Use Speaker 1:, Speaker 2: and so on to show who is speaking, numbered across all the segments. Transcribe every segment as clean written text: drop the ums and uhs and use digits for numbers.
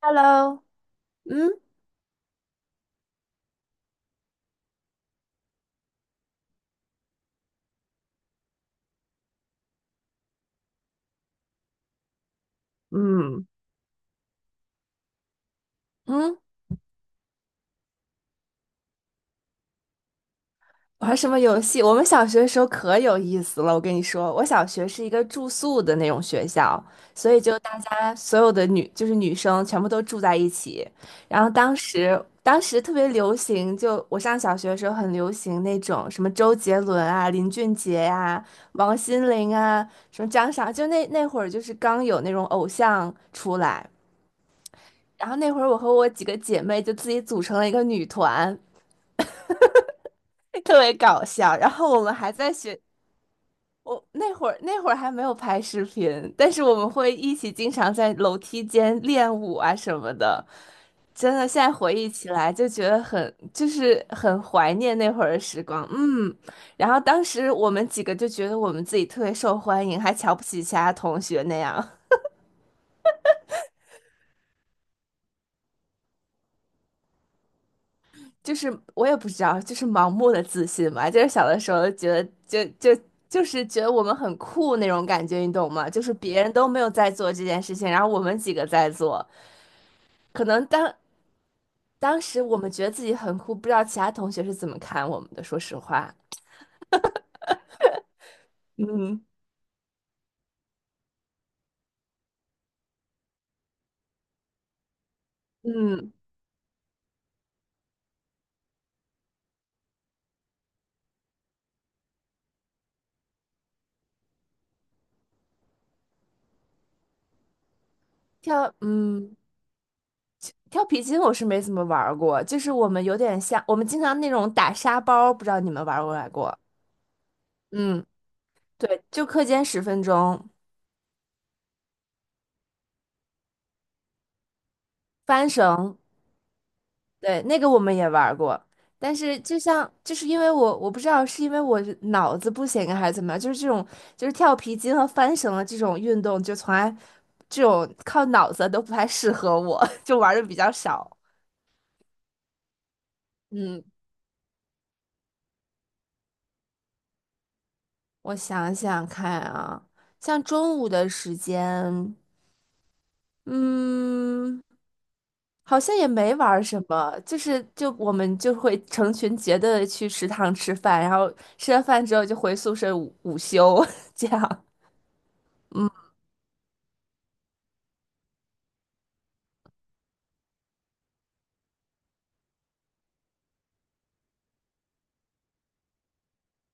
Speaker 1: Hello，嗯嗯，嗯，玩什么游戏？我们小学的时候可有意思了，我跟你说，我小学是一个住宿的那种学校，所以就大家所有的女就是女生全部都住在一起。然后当时特别流行，就我上小学的时候很流行那种什么周杰伦啊、林俊杰呀、王心凌啊、什么张傻，就那会儿就是刚有那种偶像出来。然后那会儿，我和我几个姐妹就自己组成了一个女团，特别搞笑。然后我们还在学，我那会儿还没有拍视频，但是我们会一起经常在楼梯间练舞啊什么的。真的，现在回忆起来就觉得很，就是很怀念那会儿的时光。嗯，然后当时我们几个就觉得我们自己特别受欢迎，还瞧不起其他同学那样。就是我也不知道，就是盲目的自信吧。就是小的时候觉得就就是觉得我们很酷那种感觉，你懂吗？就是别人都没有在做这件事情，然后我们几个在做，可能当时我们觉得自己很酷，不知道其他同学是怎么看我们的。说实话，嗯，嗯，跳嗯跳皮筋我是没怎么玩儿过，就是我们有点像我们经常那种打沙包，不知道你们玩儿过来过？嗯，对，就课间10分钟翻绳。对，那个我们也玩儿过，但是就像就是因为我不知道是因为我是脑子不行啊还是怎么样，就是这种就是跳皮筋和翻绳的这种运动，就从来这种靠脑子都不太适合我，就玩的比较少。嗯，我想想看啊，像中午的时间，嗯，好像也没玩儿什么，就是我们就会成群结队的去食堂吃饭，然后吃完饭之后就回宿舍午休 这样。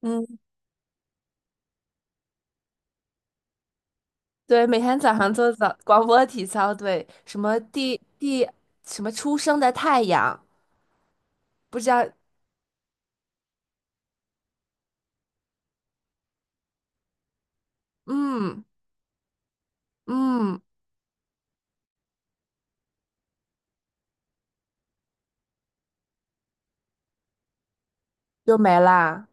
Speaker 1: 嗯。对，每天早上做早广播体操，对，什么什么初升的太阳，不知道，嗯嗯，就没啦。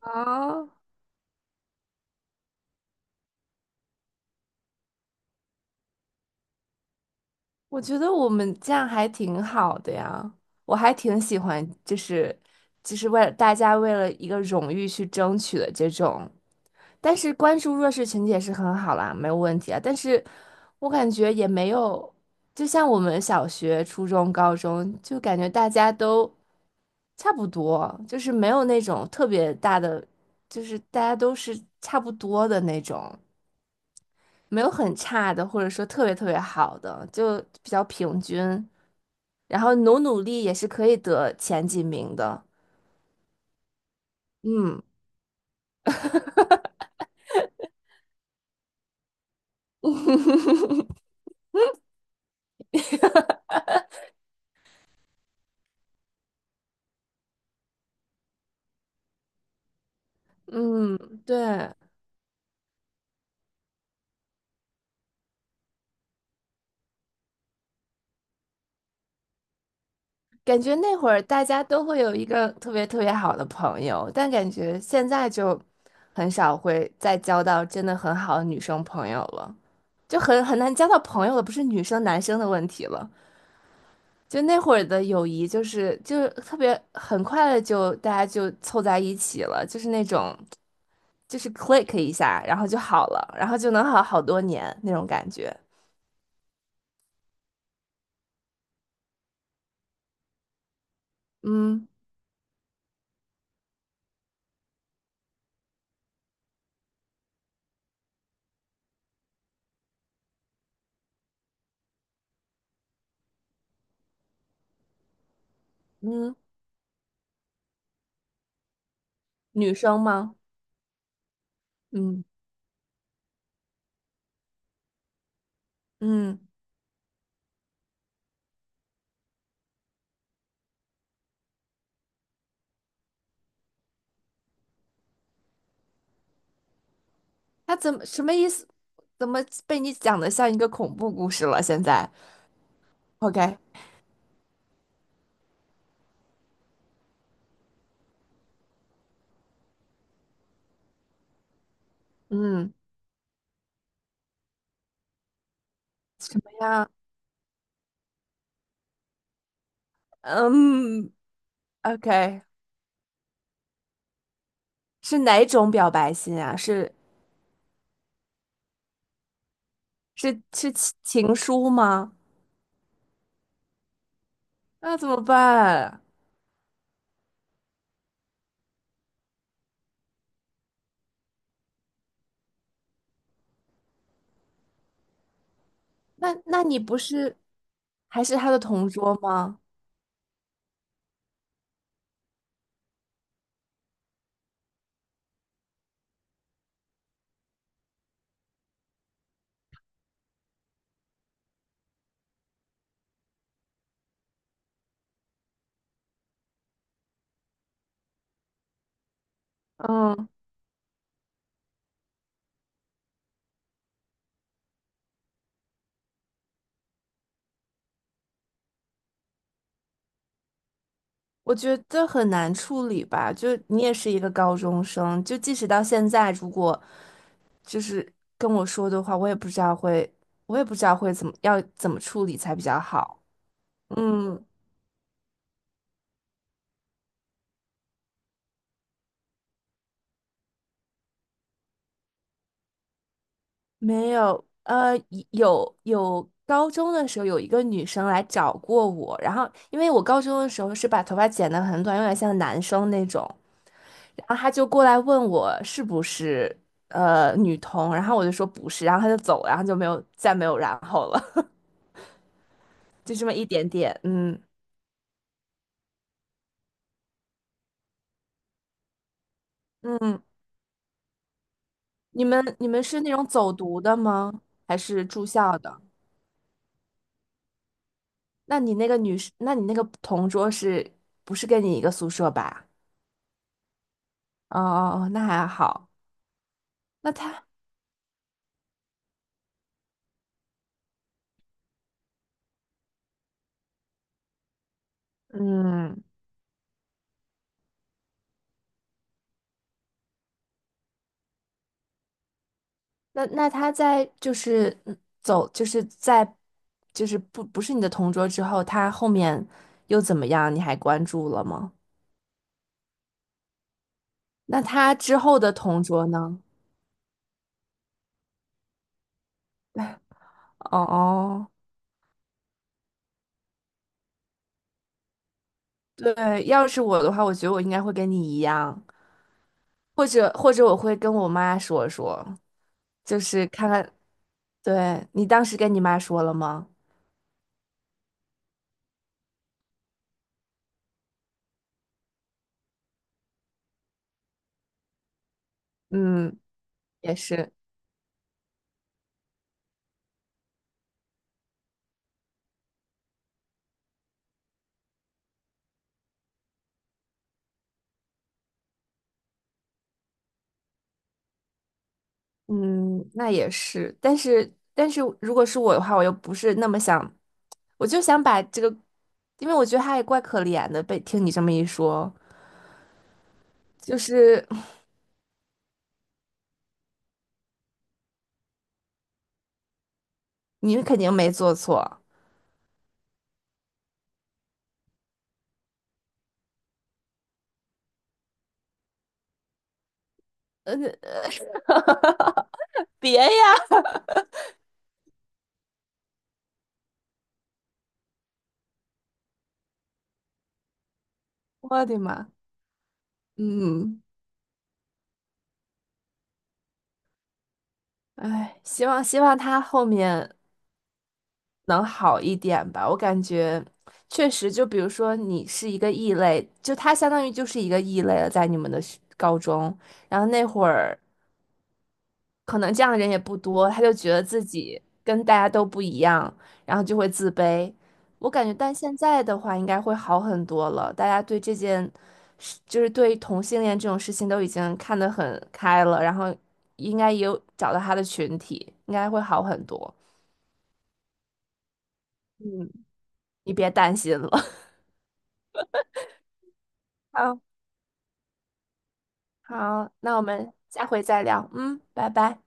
Speaker 1: 啊，我觉得我们这样还挺好的呀，我还挺喜欢，就是为了大家为了一个荣誉去争取的这种，但是关注弱势群体也是很好啦，没有问题啊。但是我感觉也没有，就像我们小学、初中、高中，就感觉大家都。差不多，就是没有那种特别大的，就是大家都是差不多的那种，没有很差的，或者说特别特别好的，就比较平均。然后努力也是可以得前几名的。嗯 嗯，对，感觉那会儿大家都会有一个特别特别好的朋友，但感觉现在就很少会再交到真的很好的女生朋友了，就很难交到朋友了，不是女生男生的问题了。就那会儿的友谊，就是特别很快的就大家就凑在一起了，就是那种就是 click 一下，然后就好了，然后就能好好多年那种感觉。嗯嗯，女生吗？嗯嗯，那怎么什么意思？怎么被你讲的像一个恐怖故事了？现在，OK，嗯，什么样？嗯，OK，是哪种表白信啊？是是情情书吗？那怎么办？那你不是还是他的同桌吗？嗯，我觉得很难处理吧。就你也是一个高中生，就即使到现在，如果就是跟我说的话，我也不知道会怎么要怎么处理才比较好。嗯，没有，有有高中的时候有一个女生来找过我，然后因为我高中的时候是把头发剪得很短，有点像男生那种。然后他就过来问我是不是女同，然后我就说不是，然后他就走了然后就没有然后了，就这么一点点。嗯嗯，你们是那种走读的吗？还是住校的？那你那个女生，那你那个同桌是不是跟你一个宿舍吧？哦哦哦，那还好。那他嗯，那那他在就是就是在就是不是你的同桌之后，他后面又怎么样？你还关注了吗？那他之后的同桌呢？哦哦，对，要是我的话，我觉得我应该会跟你一样，或者我会跟我妈说说，就是看看，对，你当时跟你妈说了吗？嗯，也是。嗯，那也是，但是但是如果是我的话，我又不是那么想，我就想把这个，因为我觉得他也怪可怜的，被听你这么一说，就是 你肯定没做错，嗯，别呀，我的妈，嗯，哎，希望他后面能好一点吧，我感觉确实，就比如说你是一个异类，就他相当于就是一个异类了，在你们的学高中，然后那会儿。可能这样的人也不多，他就觉得自己跟大家都不一样，然后就会自卑。我感觉，但现在的话应该会好很多了，大家对这件事，就是对同性恋这种事情都已经看得很开了，然后应该也有找到他的群体，应该会好很多。嗯，你别担心了。好，好，那我们下回再聊。嗯，拜拜。